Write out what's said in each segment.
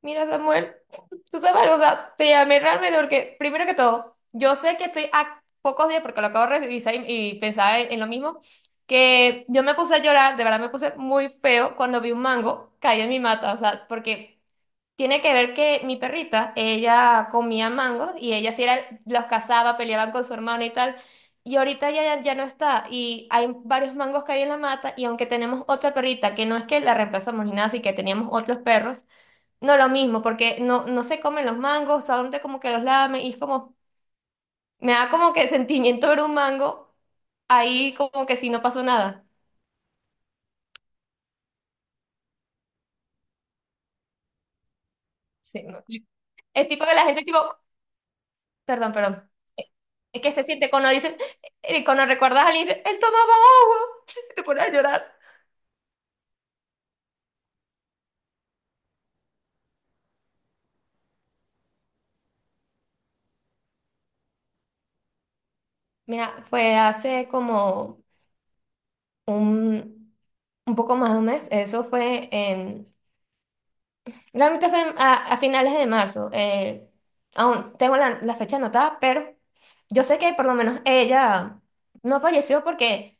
Mira, Samuel, tú sabes, o sea, te llamé realmente porque, primero que todo, yo sé que estoy a pocos días, porque lo acabo de revisar y pensaba en lo mismo, que yo me puse a llorar. De verdad me puse muy feo cuando vi un mango caído en mi mata, o sea, porque tiene que ver que mi perrita, ella comía mangos y ella sí era, los cazaba, peleaban con su hermano y tal, y ahorita ya no está, y hay varios mangos caídos en la mata, y aunque tenemos otra perrita, que no es que la reemplazamos ni nada, así que teníamos otros perros, no lo mismo, porque no, no se comen los mangos, solamente como que los lamen y es como, me da como que sentimiento ver un mango ahí como que si no pasó nada. Sí, no. Es tipo que la gente tipo, perdón, perdón, es que se siente cuando dicen, cuando recuerdas a alguien, dice, él tomaba agua, te pones a llorar. Mira, fue hace como un, un, poco más de un mes. Eso fue en Realmente fue a finales de marzo. Aún tengo la fecha anotada, pero yo sé que por lo menos ella no falleció porque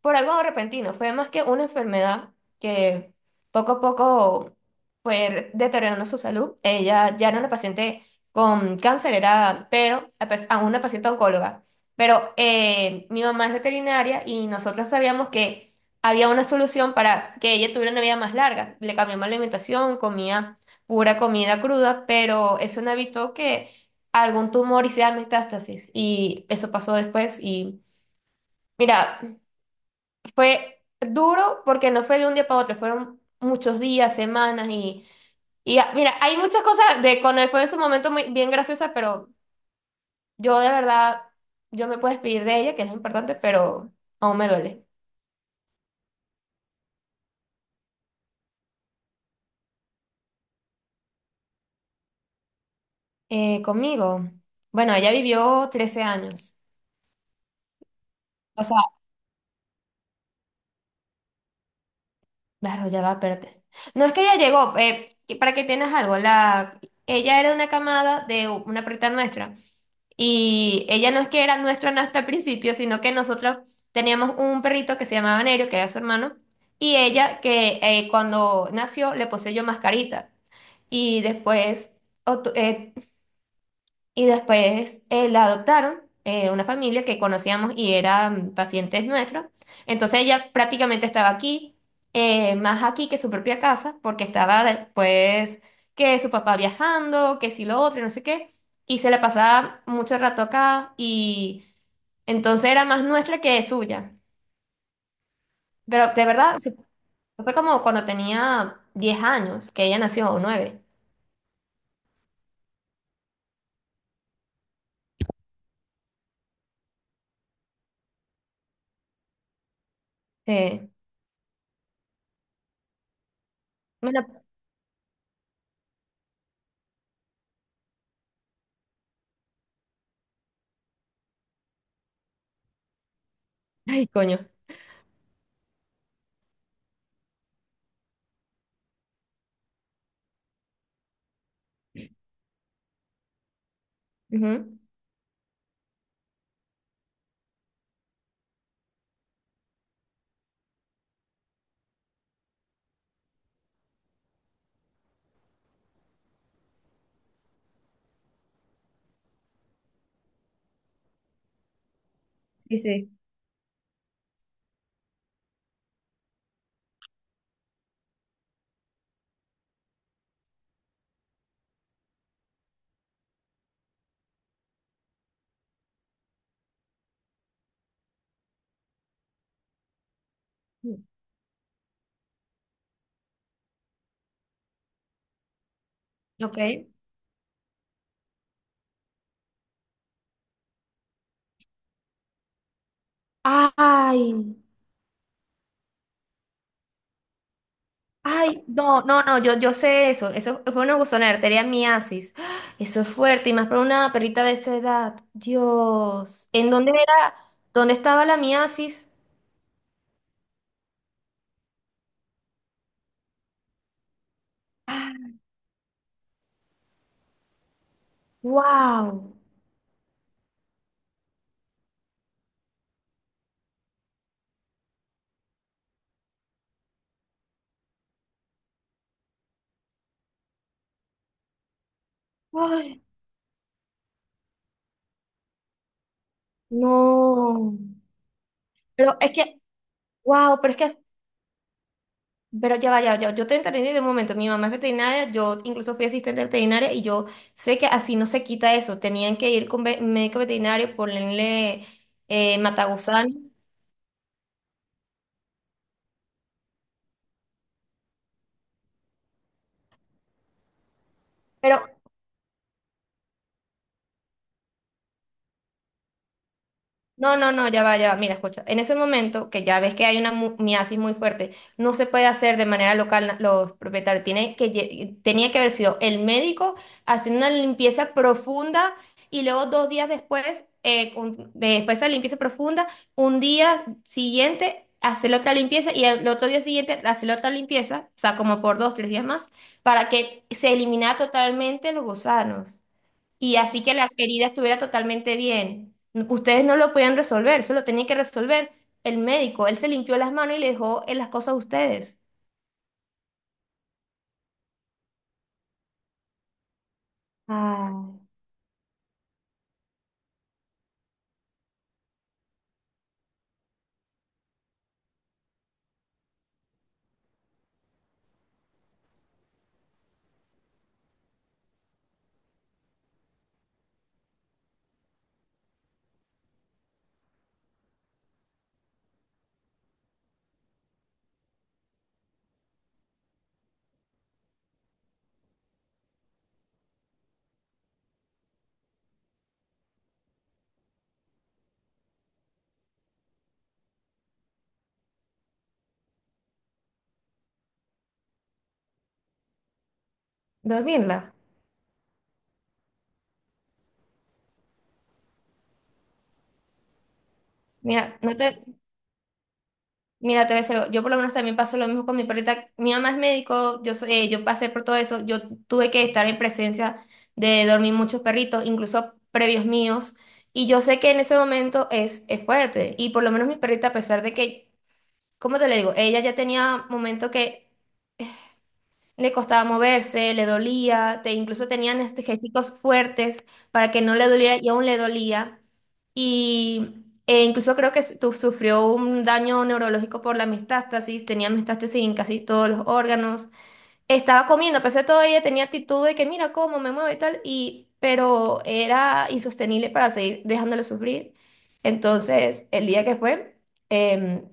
por algo repentino, fue más que una enfermedad que poco a poco fue deteriorando su salud. Ella ya no era una paciente con cáncer, era, pero aún una paciente oncóloga. Pero mi mamá es veterinaria y nosotros sabíamos que había una solución para que ella tuviera una vida más larga. Le cambiamos la alimentación, comía pura comida cruda, pero eso no evitó que algún tumor hiciera metástasis. Y eso pasó después. Mira, fue duro porque no fue de un día para otro, fueron muchos días, semanas y, mira, hay muchas cosas de cuando fue en su momento muy, bien graciosas, pero yo de verdad, yo me puedo despedir de ella, que es lo importante, pero aún me duele. Conmigo, bueno, ella vivió 13 años. O sea, claro, ya va, espérate. No es que ella llegó, para que tengas algo, ella era una camada de una perrita nuestra. Y ella no es que era nuestra hasta el principio, sino que nosotros teníamos un perrito que se llamaba Nerio, que era su hermano, y ella que cuando nació le poseyó mascarita. Y obtu- eh, después, la adoptaron, una familia que conocíamos y eran pacientes nuestros. Entonces ella prácticamente estaba aquí, más aquí que su propia casa, porque estaba después que su papá viajando, que si lo otro, y no sé qué. Y se la pasaba mucho rato acá y entonces era más nuestra que suya. Pero de verdad, fue como cuando tenía 10 años que ella nació, o 9. Eh, bueno, ay, coño. Ujú. Sí, sí. Ok. Ay, ay, no, no, no, yo sé eso. Eso fue una buzonera, arteria miasis. ¡Ah! Eso es fuerte, y más para una perrita de esa edad. Dios. ¿En dónde era? ¿Dónde estaba la miasis? ¡Wow! Ay, no. Pero es que, wow, pero es que, pero ya va, yo te entendí de un momento. Mi mamá es veterinaria, yo incluso fui asistente veterinaria y yo sé que así no se quita eso, tenían que ir con médico veterinario, ponerle matagusano, pero No, no, no, ya va, ya va. Mira, escucha. En ese momento, que ya ves que hay una miasis muy fuerte, no se puede hacer de manera local los propietarios. Tenía que haber sido el médico haciendo una limpieza profunda y luego 2 días después, después de la limpieza profunda, un día siguiente hacer otra limpieza y el otro día siguiente hacer otra limpieza, o sea, como por dos, tres días más, para que se eliminara totalmente los gusanos. Y así que la querida estuviera totalmente bien. Ustedes no lo podían resolver, eso lo tenía que resolver el médico. Él se limpió las manos y le dejó las cosas a ustedes. Ah, dormirla. Mira, no te, mira, te voy a decir algo. Yo por lo menos también paso lo mismo con mi perrita. Mi mamá es médico, yo pasé por todo eso. Yo tuve que estar en presencia de dormir muchos perritos, incluso previos míos. Y yo sé que en ese momento es fuerte. Y por lo menos mi perrita, a pesar de que, ¿cómo te le digo? Ella ya tenía momentos que le costaba moverse, le dolía, incluso tenían anestésicos fuertes para que no le doliera y aún le dolía. Y incluso creo que sufrió un daño neurológico por la metástasis, tenía metástasis en casi todos los órganos. Estaba comiendo, a pesar de todo, ella tenía actitud de que mira cómo me mueve y tal, pero era insostenible para seguir dejándole sufrir. Entonces, el día que fue, em,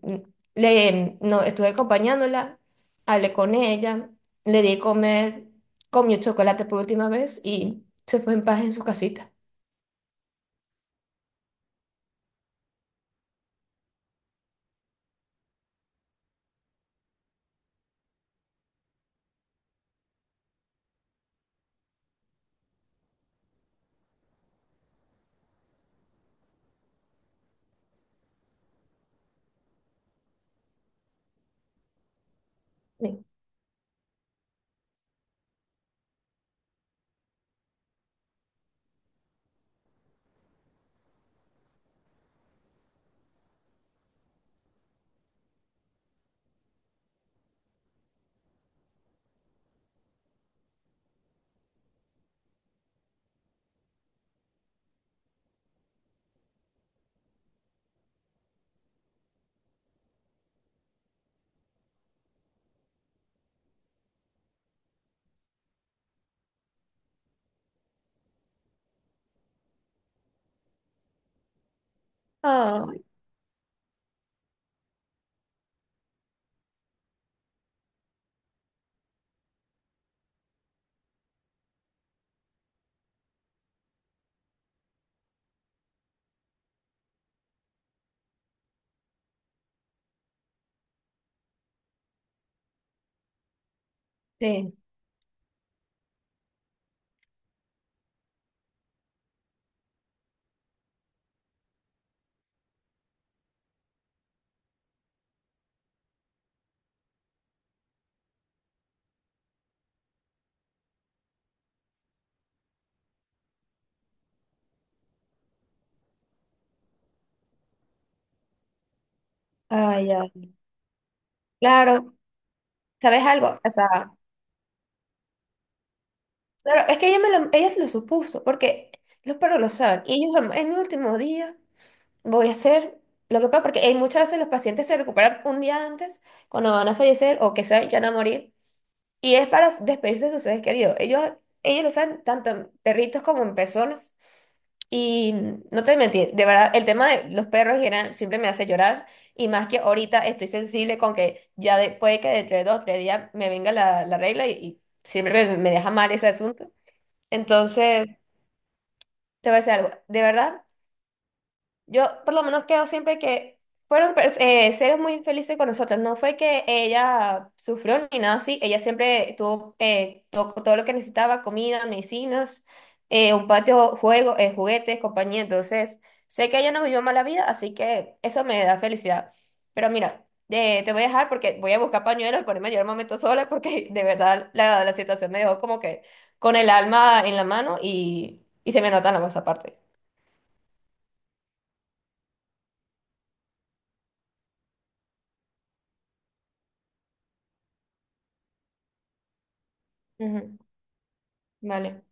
no, estuve acompañándola, hablé con ella, le di comer, comió chocolate por última vez y se fue en paz en su casita. Sí. Ah, sí. Ah, ya. Claro, ¿sabes algo? O sea, claro, es que ella se lo supuso, porque los perros lo saben, y ellos en el último día. Voy a hacer lo que pueda, porque hay muchas veces los pacientes se recuperan un día antes cuando van a fallecer o que se van a morir. Y es para despedirse de sus seres queridos. Ellos lo saben tanto en perritos como en personas. Y no te voy a mentir, de verdad, el tema de los perros en general siempre me hace llorar. Y más que ahorita estoy sensible con que ya puede que dentro de 2 o 3 días me venga la regla y siempre me deja mal ese asunto. Entonces, te voy a decir algo. De verdad, yo por lo menos creo siempre que fueron seres muy infelices con nosotros. No fue que ella sufrió ni nada así. Ella siempre tuvo todo lo que necesitaba: comida, medicinas, un patio, juego, juguetes, compañía. Entonces, sé que ella no vivió mala vida, así que eso me da felicidad. Pero mira, te voy a dejar porque voy a buscar pañuelos y ponerme a llorar un momento sola porque de verdad la situación me dejó como que con el alma en la mano y se me nota en la voz aparte. Ujú, vale.